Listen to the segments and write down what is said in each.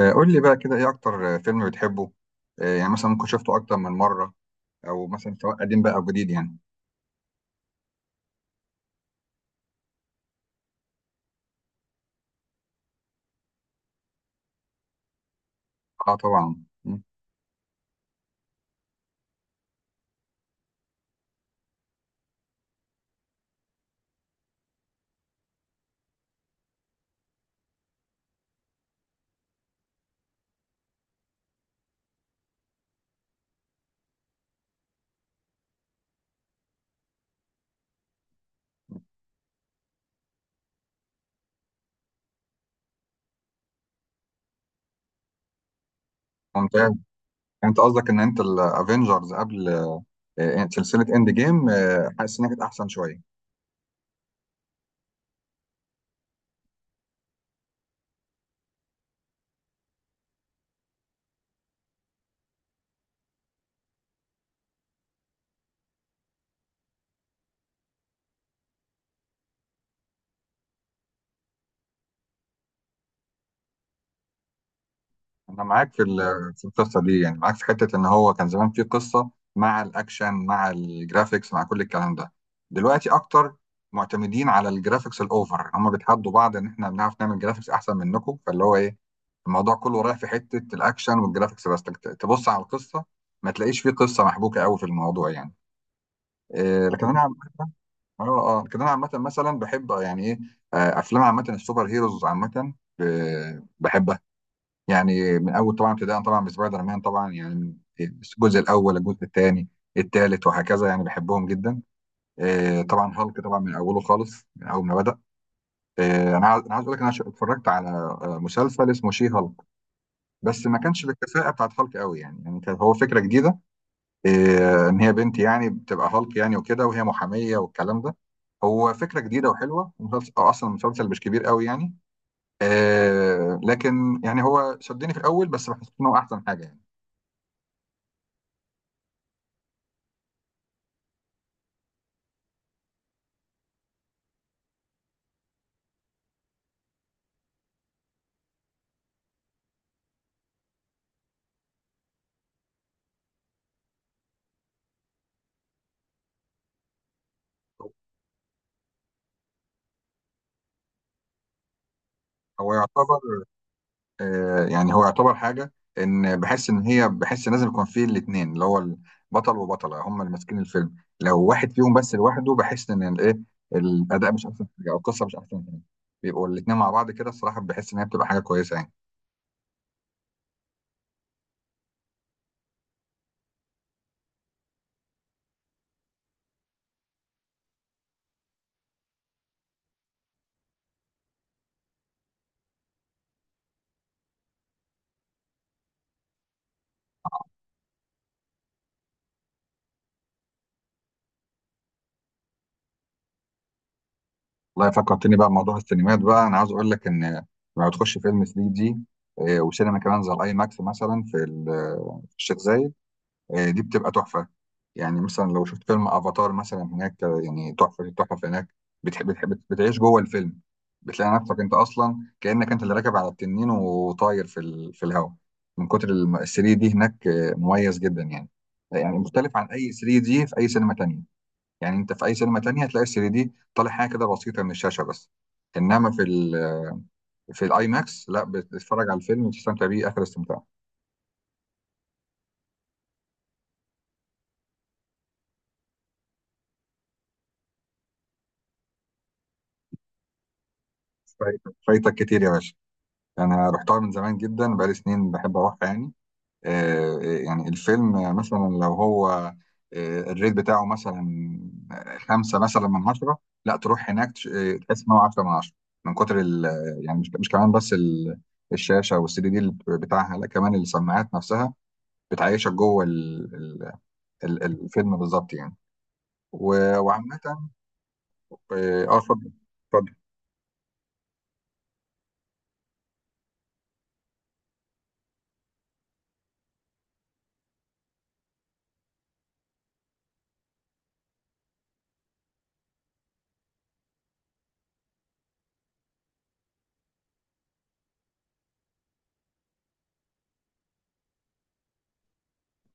قول لي بقى كده ايه اكتر فيلم بتحبه. يعني مثلا ممكن شفته اكتر من مره، او مثلا سواء قديم بقى او جديد يعني. اه، طبعا. مم. ممتاز. يعني انت قصدك ان انت الافينجرز قبل سلسله اند جيم، حاسس انها كانت احسن شويه. انا معاك في القصه دي، يعني معاك في حته ان هو كان زمان في قصه مع الاكشن مع الجرافيكس مع كل الكلام ده. دلوقتي اكتر معتمدين على الجرافيكس الاوفر، هم بيتحدوا بعض ان احنا بنعرف نعمل جرافيكس احسن منكم، فاللي هو ايه، الموضوع كله رايح في حته الاكشن والجرافيكس بس. تبص على القصه، ما تلاقيش فيه قصه محبوكه قوي في الموضوع يعني. إيه، لكن انا عامه، اه اه، لكن انا عامه مثلا بحب يعني ايه، افلام عامه السوبر هيروز عامه، بحبها. يعني من اول طبعا ابتداء طبعا بسبايدر مان طبعا، يعني من الجزء الاول الجزء الثاني الثالث وهكذا، يعني بحبهم جدا. طبعا هالك طبعا من اوله خالص من اول ما بدا. انا عايز اقول لك، انا اتفرجت على مسلسل اسمه شي هالك، بس ما كانش بالكفاءه بتاعت هالك قوي يعني، كان هو فكره جديده. ان هي بنت يعني بتبقى هالك يعني وكده، وهي محاميه والكلام ده، هو فكره جديده وحلوه، ومسلسل أو اصلا المسلسل مش كبير قوي يعني. لكن يعني هو شدني في الاول، بس بحس انه احسن حاجه يعني. هو يعتبر يعني هو يعتبر حاجة، إن بحس إن هي بحس لازم يكون فيه الاتنين، اللي هو البطل وبطلة هما اللي ماسكين الفيلم، لو واحد فيهم بس لوحده بحس إن الإيه، الأداء مش أحسن حاجة أو القصة مش أحسن حاجة. بيبقوا الاتنين مع بعض كده، الصراحة بحس إن هي بتبقى حاجة كويسة يعني. والله فكرتني بقى بموضوع السينمات، بقى أنا عاوز أقول لك إن لما تخش فيلم 3 دي وسينما كمان زي الأي ماكس مثلا في الشيخ زايد، دي بتبقى تحفة. يعني مثلا لو شفت فيلم افاتار مثلا هناك، يعني تحفة التحف هناك. بتحب بتعيش جوه الفيلم، بتلاقي نفسك انت اصلا كأنك انت اللي راكب على التنين وطاير في الهواء. من كتر ال 3 دي هناك مميز جدا يعني. يعني مختلف عن اي 3 دي في اي سينما تانية. يعني انت في اي سينما تانية هتلاقي 3 دي طالع حاجة كده بسيطة من الشاشة بس، انما في الاي ماكس لا، بتتفرج على الفيلم وتستمتع بيه اخر استمتاع. فايتك فايتك كتير يا باشا. انا رحتها من زمان جدا، بقالي سنين بحب اروح يعني. يعني الفيلم مثلا لو هو الريت بتاعه مثلا خمسة مثلا من عشرة، لا، تروح هناك تحس ان هو عشرة من عشرة. من كتر ال... يعني مش كمان بس الشاشة والسي دي دي اللي بتاعها، لا، كمان السماعات نفسها بتعيشك جوه الفيلم بالظبط يعني. وعامة، اه. اتفضل.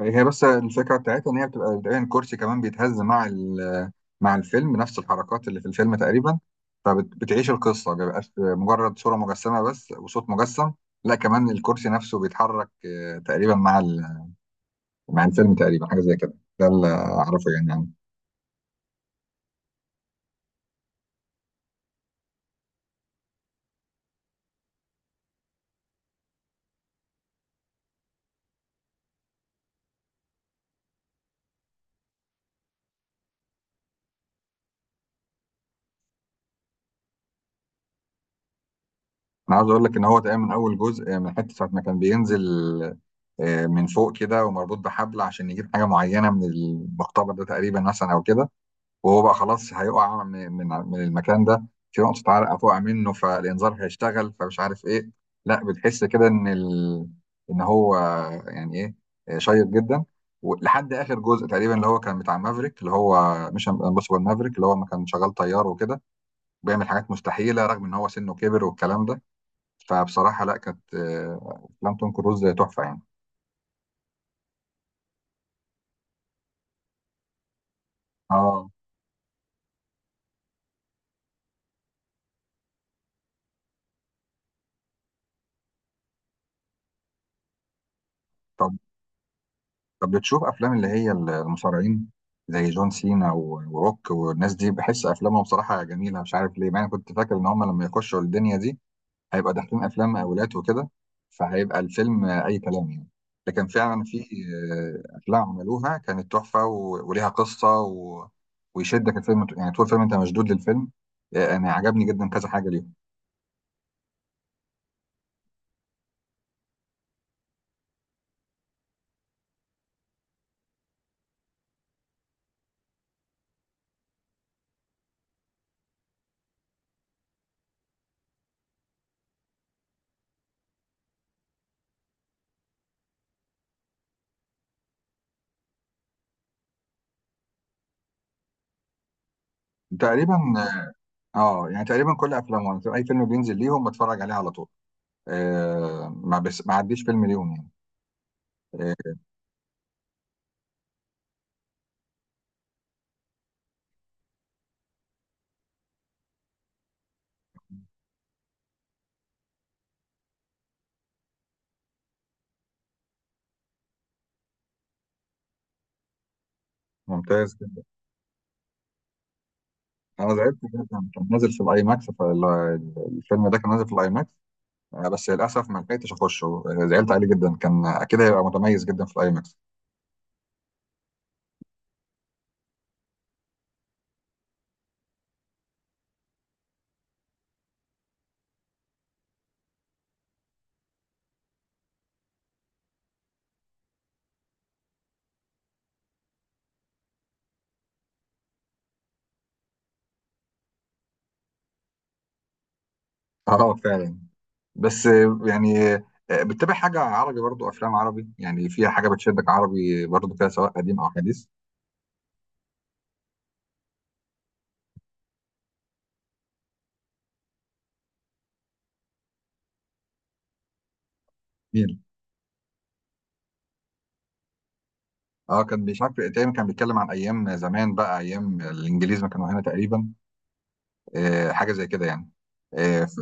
هي بس الفكرة بتاعتها إن هي بتبقى تقريبا كرسي كمان بيتهز مع الفيلم نفس الحركات اللي في الفيلم تقريبا. فبتعيش القصة، ما بيبقاش مجرد صورة مجسمة بس وصوت مجسم، لا، كمان الكرسي نفسه بيتحرك تقريبا مع الفيلم تقريبا، حاجة زي كده. ده اللي أعرفه يعني عنه. أنا عاوز أقول لك إن هو تقريبا من أول جزء من حتة ساعة ما كان بينزل من فوق كده ومربوط بحبل عشان يجيب حاجة معينة من المقتبل ده تقريبا مثلا أو كده، وهو بقى خلاص هيقع من المكان ده، في نقطة عرق هتقع منه، فالإنذار هيشتغل فمش عارف إيه، لا، بتحس كده إن هو يعني إيه، شيق جدا. ولحد آخر جزء تقريبا اللي هو كان بتاع مافريك، اللي هو مش امبوسيبل مافريك، اللي هو ما كان شغال طيار وكده بيعمل حاجات مستحيلة رغم إن هو سنه كبر والكلام ده. فبصراحة لا، كانت أفلام توم كروز تحفة يعني. آه. طب طب بتشوف افلام اللي هي المصارعين زي جون سينا وروك والناس دي، بحس افلامهم بصراحه جميله، مش عارف ليه، مع إني كنت فاكر ان هم لما يخشوا الدنيا دي هيبقى داخلين افلام مقاولات وكده، فهيبقى الفيلم اي كلام يعني. لكن فعلا في افلام عملوها كانت تحفه وليها قصه ويشدك الفيلم، يعني طول الفيلم انت مشدود للفيلم. انا عجبني جدا كذا حاجه ليهم. تقريبا. اه، يعني تقريبا كل افلامهم، اي فيلم بينزل ليهم بتفرج عليه على طول. آه، ما بس ما عديش فيلم ليهم يعني. إيه. ممتاز جدا. انا زعلت جدا، كان نازل في الاي ماكس، فالفيلم ده كان نازل في الاي ماكس، بس للاسف ما لحقتش اخشه، زعلت عليه جدا، كان اكيد هيبقى متميز جدا في الاي ماكس. اه، فعلا. بس يعني بتتابع حاجه عربي؟ برضو افلام عربي يعني فيها حاجه بتشدك عربي برضو كده، سواء قديم او حديث. جميل. اه، كان مش عارف تقريبا، كان بيتكلم عن ايام زمان بقى، ايام الانجليز ما كانوا هنا تقريبا، حاجه زي كده يعني. اه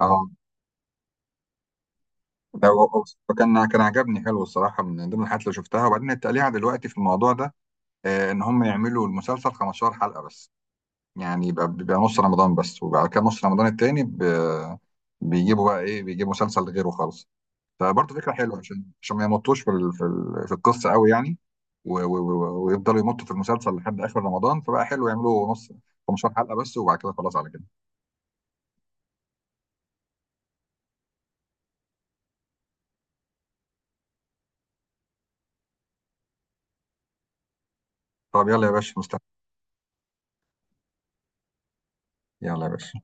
آه. ده هو كان عجبني حلو الصراحه، من ضمن الحاجات اللي شفتها. وبعدين التقليعه دلوقتي في الموضوع ده ان هم يعملوا المسلسل 15 حلقه بس، يعني يبقى بيبقى نص رمضان بس، وبعد كده نص رمضان التاني بيجيبوا بقى ايه، بيجيبوا مسلسل غيره خالص، فبرضه فكره حلوه عشان ما يمطوش في القصه قوي يعني. ويفضلوا يمطوا في المسلسل لحد اخر رمضان، فبقى حلو يعملوا نص 15 حلقه بس، وبعد كده خلاص على كده. طب، يلا يا باشا مستني. يلا يا باشا.